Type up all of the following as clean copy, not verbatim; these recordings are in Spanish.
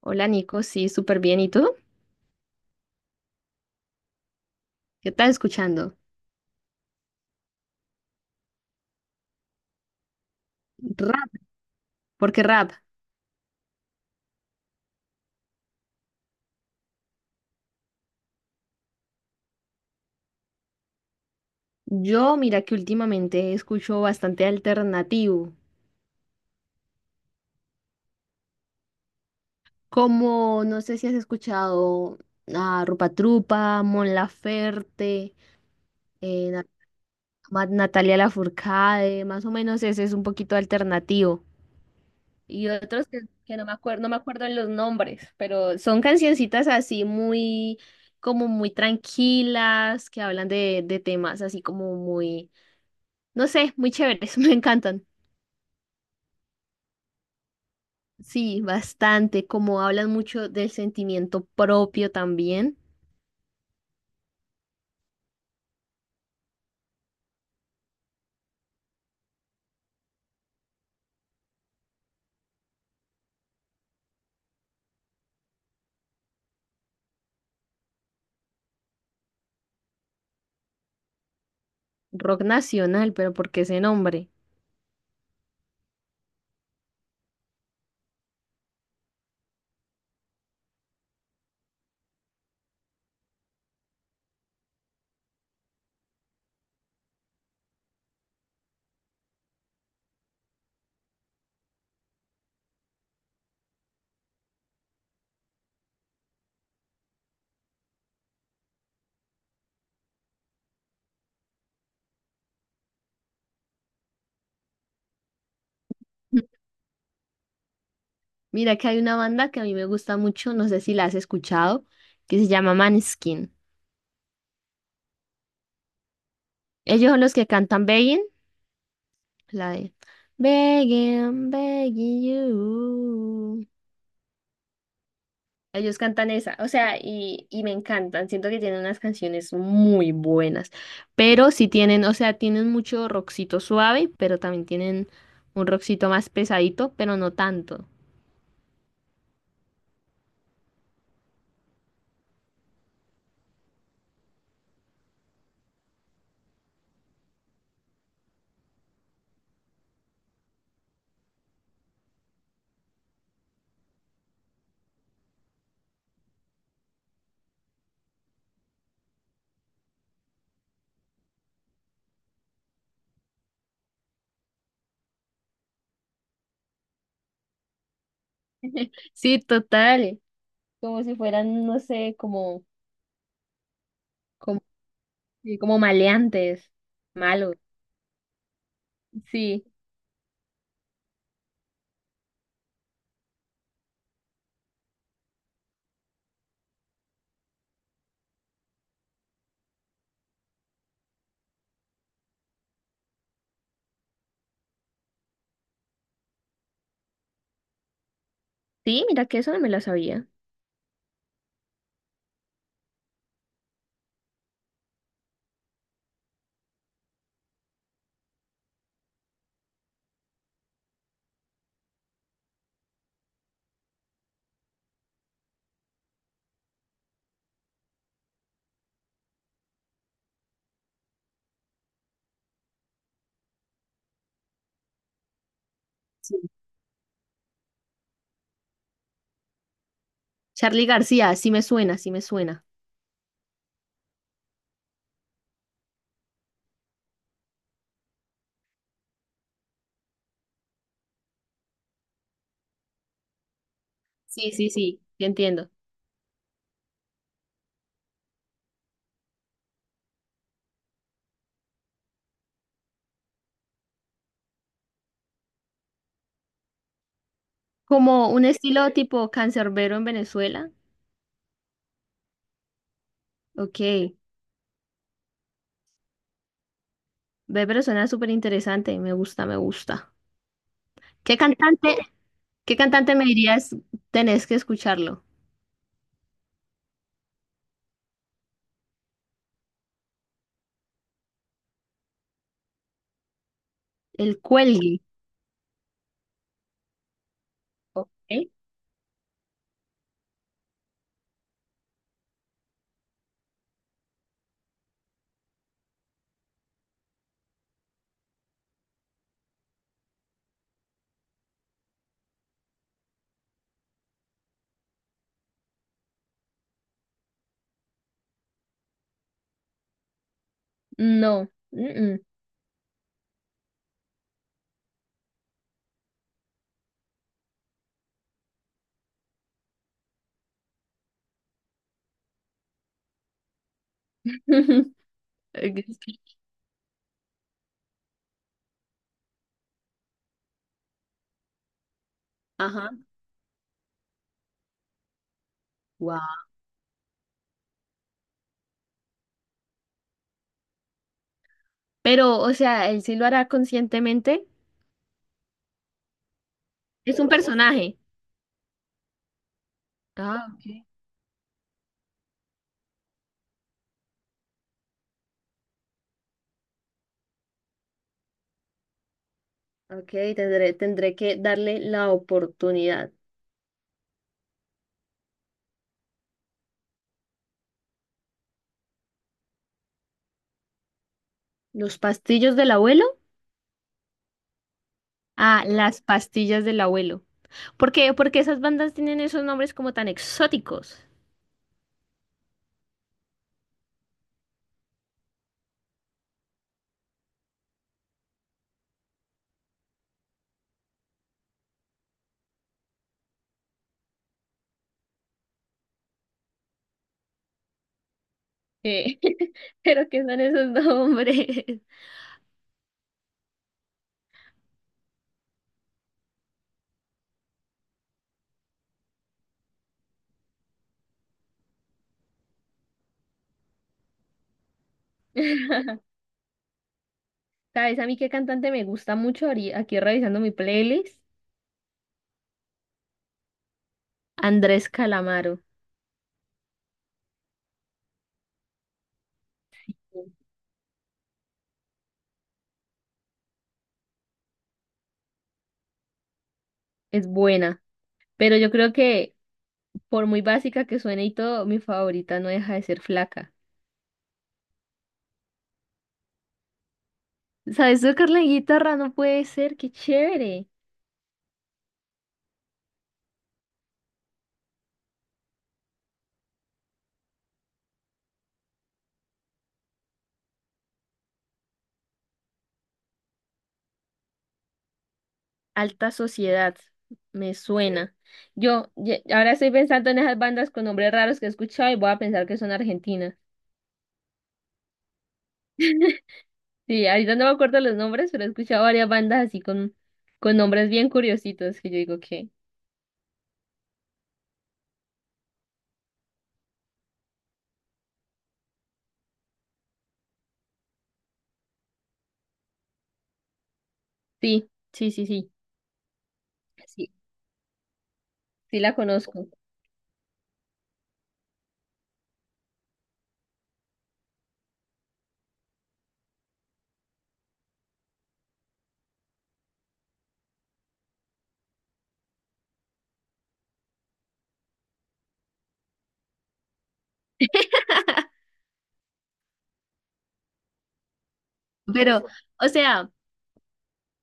Hola Nico, sí, súper bien. ¿Y tú? ¿Qué estás escuchando? Rap. ¿Por qué rap? Yo, mira que últimamente escucho bastante alternativo. Como, no sé si has escuchado a Rupa Trupa, Mon Laferte, eh, Na- Natalia Lafourcade, más o menos ese es un poquito alternativo. Y otros que no me acuerdo, no me acuerdo en los nombres, pero son cancioncitas así muy, como muy tranquilas, que hablan de temas así como muy. No sé, muy chéveres, me encantan. Sí, bastante, como hablan mucho del sentimiento propio también. Rock nacional, pero ¿por qué ese nombre? Mira que hay una banda que a mí me gusta mucho, no sé si la has escuchado, que se llama Maneskin. Ellos son los que cantan Begging, la de Begging, begging you. Ellos cantan esa, o sea, y me encantan. Siento que tienen unas canciones muy buenas, pero sí tienen, o sea, tienen mucho rockcito suave, pero también tienen un rockcito más pesadito, pero no tanto. Sí, total, como si fueran, no sé, como, sí, como maleantes, malos. Sí, sí, mira que eso no me lo sabía. Sí, Charly García, sí me suena, sí me suena. Sí, sí, sí. Sí entiendo. Como un estilo tipo cancerbero en Venezuela. Ok. Ve, pero suena súper interesante. Me gusta, me gusta. ¿Qué cantante, qué cantante me dirías tenés que escucharlo? El Cuelgue. Ok. No. Mm, mm. Ajá. Wow. Pero, o sea, ¿él sí lo hará conscientemente? Es un personaje. Ah, ok. Ok, tendré que darle la oportunidad. ¿Los pastillos del abuelo? Ah, las pastillas del abuelo. ¿Por qué? Porque esas bandas tienen esos nombres como tan exóticos. Eh, pero ¿qué son esos nombres? ¿Sabes a mí qué cantante me gusta mucho? Aquí revisando mi playlist, Andrés Calamaro. Es buena, pero yo creo que por muy básica que suene y todo, mi favorita no deja de ser flaca. ¿Sabes tocar la guitarra? No puede ser, qué chévere. Alta Sociedad, me suena. Ahora estoy pensando en esas bandas con nombres raros que he escuchado y voy a pensar que son argentinas. Sí, ahorita no me acuerdo los nombres, pero he escuchado varias bandas así con nombres bien curiositos que yo digo que sí, sí, sí, sí, sí, sí la conozco. Pero, o sea,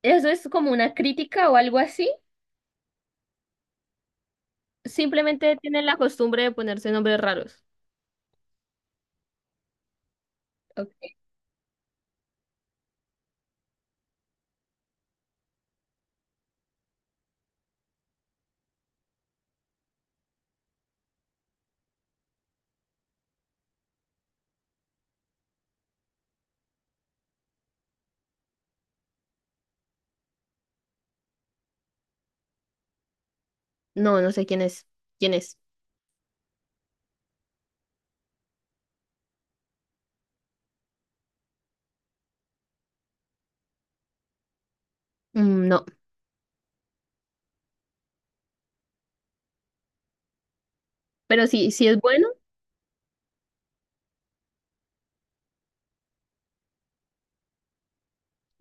¿eso es como una crítica o algo así? Simplemente tienen la costumbre de ponerse nombres raros. Ok. No, no sé quién es. ¿Quién es? Mm, no. Pero sí, sí es bueno.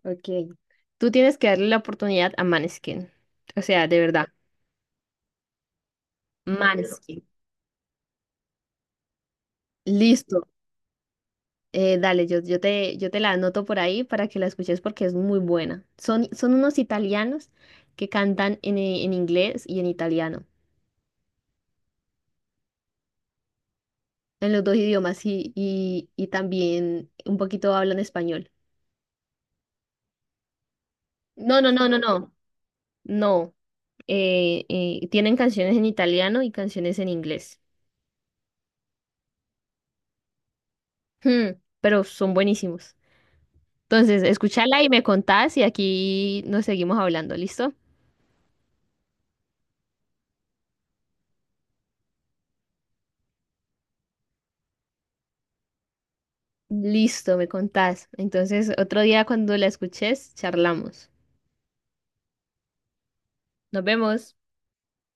Ok. Tú tienes que darle la oportunidad a Maneskin. O sea, de verdad. Maneskin. Listo. Dale, yo te la anoto por ahí para que la escuches porque es muy buena. Son unos italianos que cantan en inglés y en italiano, en los dos idiomas y también un poquito hablan español. No, no, no, no, no, no. Tienen canciones en italiano y canciones en inglés. Hmm, pero son buenísimos. Entonces, escúchala y me contás y aquí nos seguimos hablando, ¿listo? Listo, me contás. Entonces, otro día cuando la escuches, charlamos. Nos vemos.